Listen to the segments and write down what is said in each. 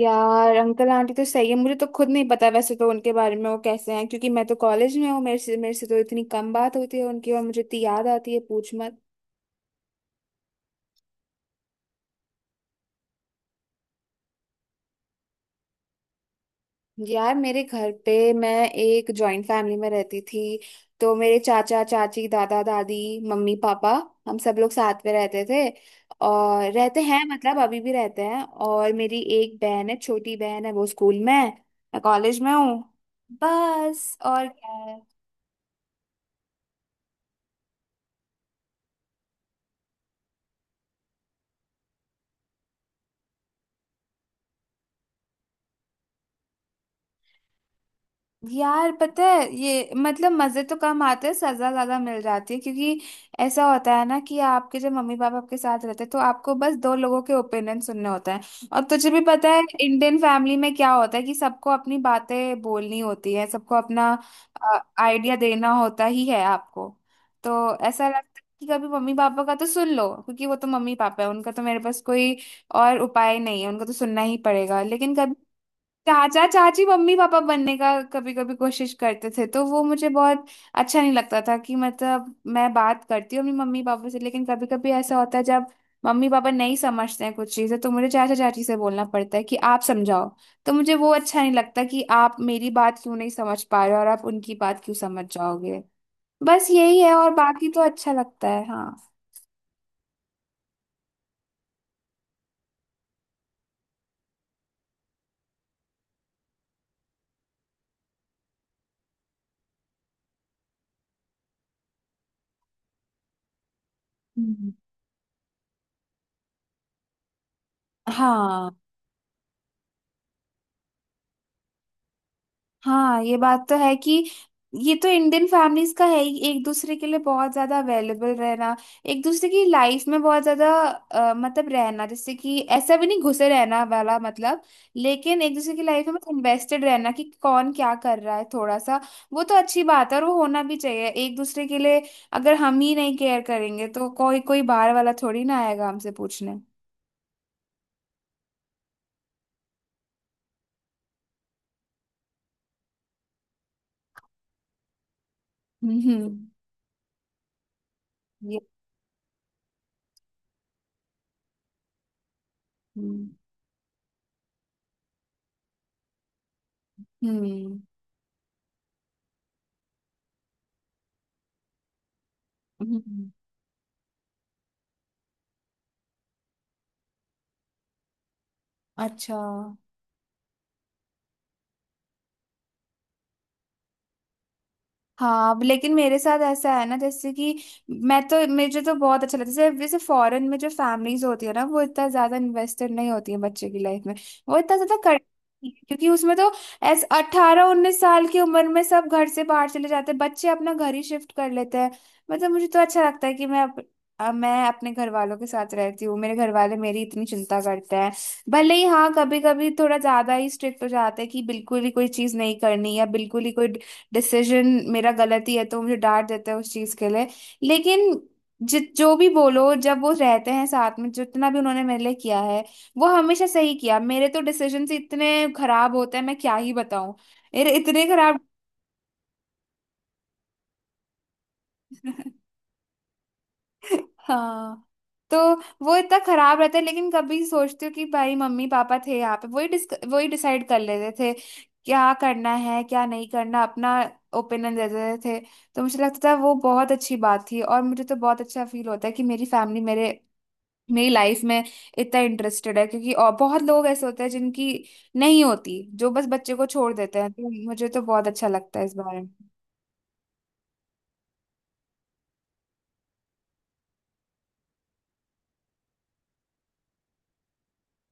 यार uncle aunty तो सही है। मुझे तो खुद नहीं पता वैसे तो उनके बारे में, वो कैसे हैं, क्योंकि मैं तो कॉलेज में हूँ। मेरे से तो इतनी कम बात होती है उनकी और मुझे इतनी याद आती है, पूछ मत। यार मेरे घर पे मैं एक जॉइंट फैमिली में रहती थी। तो मेरे चाचा चाची, दादा दादी, मम्मी पापा, हम सब लोग साथ में रहते थे, और रहते हैं, मतलब अभी भी रहते हैं। और मेरी एक बहन है, छोटी बहन है, वो स्कूल में है, मैं कॉलेज में हूँ। बस और क्या है। यार पता है, ये मतलब मजे तो कम आते हैं, सजा ज्यादा मिल जाती है। क्योंकि ऐसा होता है ना कि आपके जब मम्मी पापा आपके साथ रहते हैं तो आपको बस दो लोगों के ओपिनियन सुनने होते हैं। और तुझे भी पता है इंडियन फैमिली में क्या होता है, कि सबको अपनी बातें बोलनी होती है, सबको अपना आइडिया देना होता ही है आपको। तो ऐसा लगता है कि कभी मम्मी पापा का तो सुन लो, क्योंकि वो तो मम्मी पापा है, उनका तो, मेरे पास कोई और उपाय नहीं है, उनको तो सुनना ही पड़ेगा। लेकिन कभी चाचा चाची मम्मी पापा बनने का कभी कभी कोशिश करते थे, तो वो मुझे बहुत अच्छा नहीं लगता था। कि मतलब मैं बात करती हूँ अपनी मम्मी पापा से, लेकिन कभी कभी ऐसा होता है जब मम्मी पापा नहीं समझते हैं कुछ चीजें, तो मुझे चाचा चाची से बोलना पड़ता है कि आप समझाओ। तो मुझे वो अच्छा नहीं लगता कि आप मेरी बात क्यों नहीं समझ पा रहे हो और आप उनकी बात क्यों समझ जाओगे। बस यही है, और बाकी तो अच्छा लगता है, हाँ। हम्म। हाँ। हाँ ये बात तो है कि, ये तो इंडियन फैमिलीज का है ही, एक दूसरे के लिए बहुत ज्यादा अवेलेबल रहना। एक दूसरे की लाइफ में बहुत ज्यादा मतलब रहना, जैसे कि ऐसा भी नहीं घुसे रहना वाला मतलब, लेकिन एक दूसरे की लाइफ में मतलब इन्वेस्टेड रहना, कि कौन क्या कर रहा है थोड़ा सा। वो तो अच्छी बात है और वो होना भी चाहिए एक दूसरे के लिए। अगर हम ही नहीं केयर करेंगे तो कोई कोई बाहर वाला थोड़ी ना आएगा हमसे पूछने। हम्म। हम्म। ये हम्म। हम्म। हम्म। अच्छा। हाँ अब लेकिन मेरे साथ ऐसा है ना जैसे कि, मैं तो, मुझे तो बहुत अच्छा लगता है, जैसे जैसे फॉरेन में जो फैमिलीज होती है ना, वो इतना ज्यादा इन्वेस्टेड नहीं होती है बच्चे की लाइफ में, वो इतना ज्यादा कर, क्योंकि उसमें तो ऐसे 18 19 साल की उम्र में सब घर से बाहर चले जाते हैं, बच्चे अपना घर ही शिफ्ट कर लेते हैं। मतलब मुझे तो अच्छा लगता है कि मैं अपने घर वालों के साथ रहती हूँ, मेरे घर वाले मेरी इतनी चिंता करते हैं। भले ही हाँ कभी कभी थोड़ा ज्यादा ही स्ट्रिक्ट हो जाते हैं, कि बिल्कुल ही कोई चीज नहीं करनी, या बिल्कुल ही कोई डिसीजन मेरा गलत ही है तो मुझे डांट देते हैं उस चीज के लिए। लेकिन जित जो भी बोलो, जब वो रहते हैं साथ में, जितना भी उन्होंने मेरे लिए किया है वो हमेशा सही किया। मेरे तो डिसीजन इतने खराब होते हैं, मैं क्या ही बताऊं, मेरे इतने खराब। हाँ। तो वो इतना खराब रहता है, लेकिन कभी सोचती हूँ कि भाई मम्मी पापा थे यहाँ पे, वही डिसाइड कर लेते थे क्या करना है क्या नहीं करना, अपना ओपिनियन दे देते थे। तो मुझे लगता था वो बहुत अच्छी बात थी, और मुझे तो बहुत अच्छा फील होता है कि मेरी फैमिली मेरे मेरी लाइफ में इतना इंटरेस्टेड है। क्योंकि और बहुत लोग ऐसे होते हैं जिनकी नहीं होती, जो बस बच्चे को छोड़ देते हैं। तो मुझे तो बहुत अच्छा लगता है इस बारे में।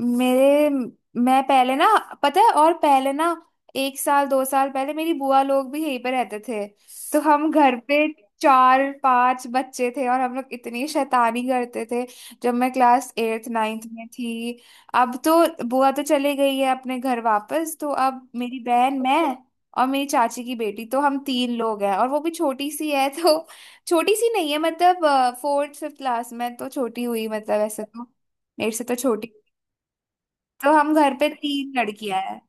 मेरे मैं पहले ना, पता है, और पहले ना, 1 साल 2 साल पहले मेरी बुआ लोग भी यहीं पे रहते थे। तो हम घर पे चार पांच बच्चे थे और हम लोग इतनी शैतानी करते थे, जब मैं क्लास एट्थ नाइन्थ में थी। अब तो बुआ तो चली गई है अपने घर वापस, तो अब मेरी बहन, मैं और मेरी चाची की बेटी, तो हम तीन लोग हैं। और वो भी छोटी सी है, तो छोटी सी नहीं है मतलब, फोर्थ फिफ्थ क्लास में, तो छोटी हुई मतलब, ऐसे तो मेरे से तो छोटी। तो हम घर पे तीन लड़कियां हैं।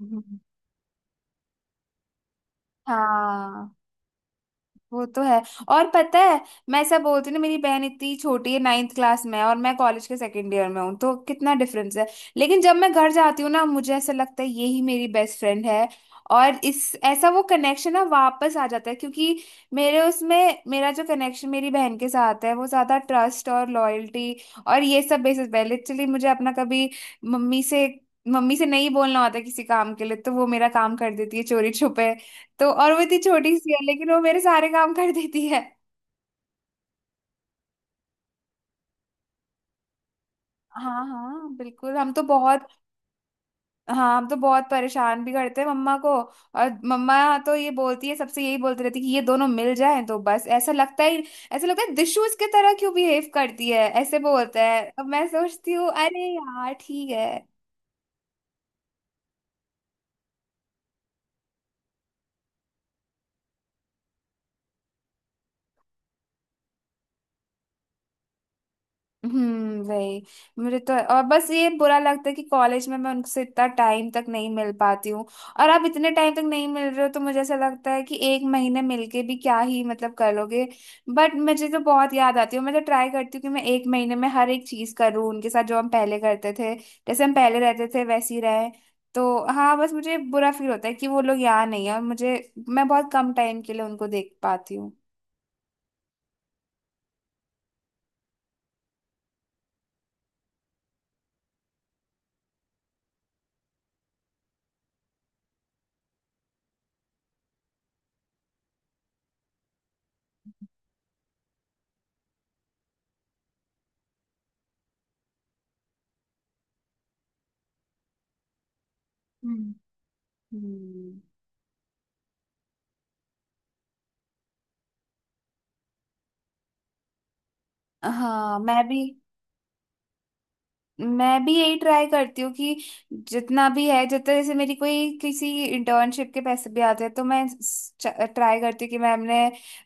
हम्म। हाँ वो तो है। और पता है, मैं ऐसा बोलती हूँ ना, मेरी बहन इतनी छोटी है, नाइन्थ क्लास में है, और मैं कॉलेज के सेकंड ईयर में हूँ, तो कितना डिफरेंस है। लेकिन जब मैं घर जाती हूँ ना, मुझे ऐसा लगता है यही मेरी बेस्ट फ्रेंड है। और इस ऐसा वो कनेक्शन ना वापस आ जाता है। क्योंकि मेरे उसमें, मेरा जो कनेक्शन मेरी बहन के साथ है, वो ज़्यादा ट्रस्ट और लॉयल्टी और ये सब बेसिस पे है। लिटरली मुझे अपना कभी मम्मी से मम्मी से नहीं बोलना होता किसी काम के लिए, तो वो मेरा काम कर देती है चोरी छुपे। तो और वो इतनी छोटी सी है, लेकिन वो मेरे सारे काम कर देती है। हाँ हाँ बिल्कुल। हम तो बहुत हाँ हम तो बहुत परेशान भी करते हैं मम्मा को, और मम्मा तो ये बोलती है सबसे, यही बोलती रहती है कि ये दोनों मिल जाएं तो बस, ऐसा लगता ही, ऐसा लगता है दिशु इसके तरह क्यों बिहेव करती है, ऐसे बोलता है। अब मैं सोचती हूँ, अरे यार ठीक है। वही। मुझे तो और बस ये बुरा लगता है कि कॉलेज में मैं उनसे इतना टाइम तक नहीं मिल पाती हूँ। और आप इतने टाइम तक नहीं मिल रहे हो, तो मुझे ऐसा लगता है कि 1 महीने मिलके भी क्या ही मतलब कर लोगे। बट मुझे तो बहुत याद आती है, मैं तो ट्राई करती हूँ कि मैं 1 महीने में हर एक चीज करूँ उनके साथ, जो हम पहले करते थे, जैसे हम पहले रहते थे वैसे ही रहे। तो हाँ बस मुझे बुरा फील होता है कि वो लोग यहाँ नहीं है, और मुझे, मैं बहुत कम टाइम के लिए उनको देख पाती हूँ। हम्म। हम्म। हाँ मैं भी यही ट्राई करती हूँ कि जितना भी है, जितना, जैसे मेरी कोई किसी इंटर्नशिप के पैसे भी आते हैं, तो मैं ट्राई करती हूँ कि मैं अपने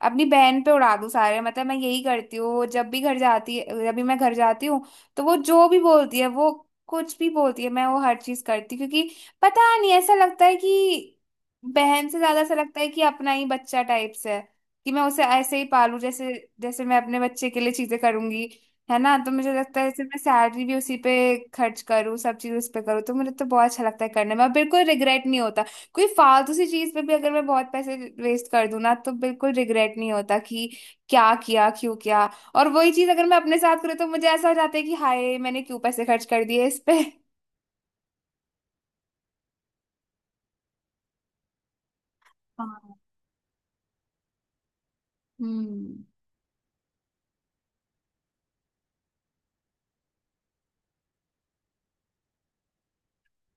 अपनी बहन पे उड़ा दूँ सारे। मतलब मैं यही करती हूँ, वो जब भी घर जाती है, जब भी मैं घर जाती हूँ, तो वो जो भी बोलती है, वो कुछ भी बोलती है मैं वो हर चीज करती हूँ। क्योंकि पता नहीं ऐसा लगता है कि, बहन से ज्यादा ऐसा लगता है कि अपना ही बच्चा टाइप से है, कि मैं उसे ऐसे ही पालूं जैसे, जैसे मैं अपने बच्चे के लिए चीजें करूंगी। है ना। तो मुझे लगता है जैसे मैं सैलरी भी उसी पे खर्च करूँ, सब चीज़ उस पे करूँ, तो मुझे तो बहुत अच्छा लगता है करने में, और बिल्कुल रिग्रेट नहीं होता। कोई फालतू सी चीज़ पे भी अगर मैं बहुत पैसे वेस्ट कर दूँ ना, तो बिल्कुल रिग्रेट नहीं होता कि क्या किया क्यों किया। और वही चीज़ अगर मैं अपने साथ करूँ, तो मुझे ऐसा हो जाता है कि हाय मैंने क्यों पैसे खर्च कर दिए इस पे। हाँ। हम्म।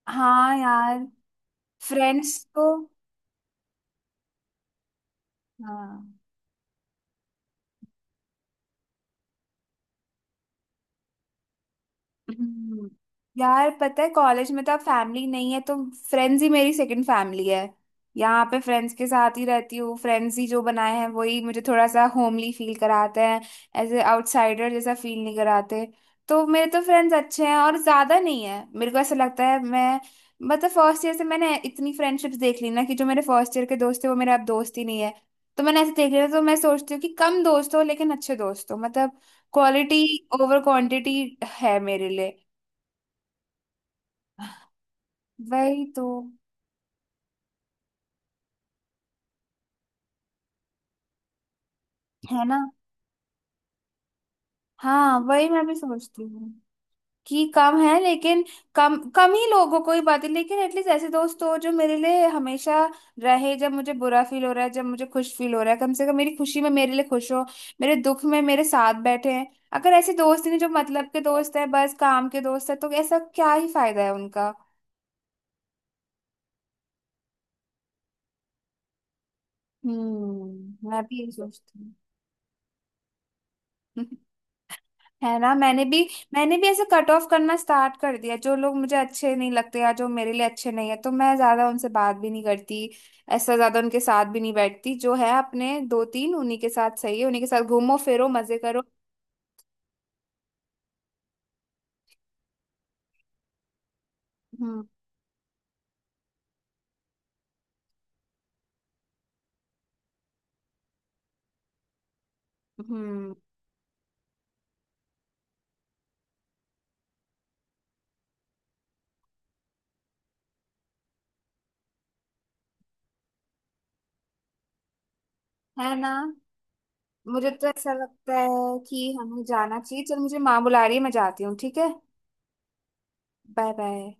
हाँ। यार फ्रेंड्स तो, हाँ। हम्म। यार पता है कॉलेज में तो अब फैमिली नहीं है, तो फ्रेंड्स ही मेरी सेकंड फैमिली है। यहाँ पे फ्रेंड्स के साथ ही रहती हूँ, फ्रेंड्स ही जो बनाए हैं वही मुझे थोड़ा सा होमली फील कराते हैं, ऐसे आउटसाइडर जैसा फील नहीं कराते। तो मेरे तो फ्रेंड्स अच्छे हैं और ज्यादा नहीं है। मेरे को ऐसा लगता है मैं, मतलब फर्स्ट ईयर से मैंने इतनी फ्रेंडशिप्स देख ली ना, कि जो मेरे फर्स्ट ईयर के दोस्त थे वो मेरे अब दोस्त ही नहीं है। तो मैंने ऐसे देख लिया, तो मैं सोचती हूँ कि कम दोस्त हो लेकिन अच्छे दोस्त हो। मतलब क्वालिटी ओवर क्वांटिटी है मेरे लिए। वही तो। है ना। हाँ वही मैं भी सोचती हूँ कि कम है लेकिन, कम कम ही लोग हो कोई बात नहीं, लेकिन एटलीस्ट ऐसे दोस्त हो जो मेरे लिए हमेशा रहे। जब मुझे बुरा फील हो रहा है, जब मुझे खुश फील हो रहा है, कम से कम मेरी खुशी में मेरे लिए खुश हो, मेरे दुख में मेरे साथ बैठे हैं। अगर ऐसे दोस्त ही नहीं जो मतलब के दोस्त है, बस काम के दोस्त है, तो ऐसा क्या ही फायदा है उनका। मैं भी यही सोचती हूँ। है ना। मैंने भी ऐसे कट ऑफ करना स्टार्ट कर दिया, जो लोग मुझे अच्छे नहीं लगते या जो मेरे लिए अच्छे नहीं है तो मैं ज्यादा उनसे बात भी नहीं करती। ऐसा ज्यादा उनके साथ भी नहीं बैठती, जो है अपने दो तीन उन्हीं के साथ सही है, उन्हीं के साथ घूमो फिरो मजे करो। हम्म। हम्म। है ना। मुझे तो ऐसा लगता है कि हमें जाना चाहिए। चल मुझे माँ बुला रही है, मैं जाती हूँ, ठीक है। Bye bye.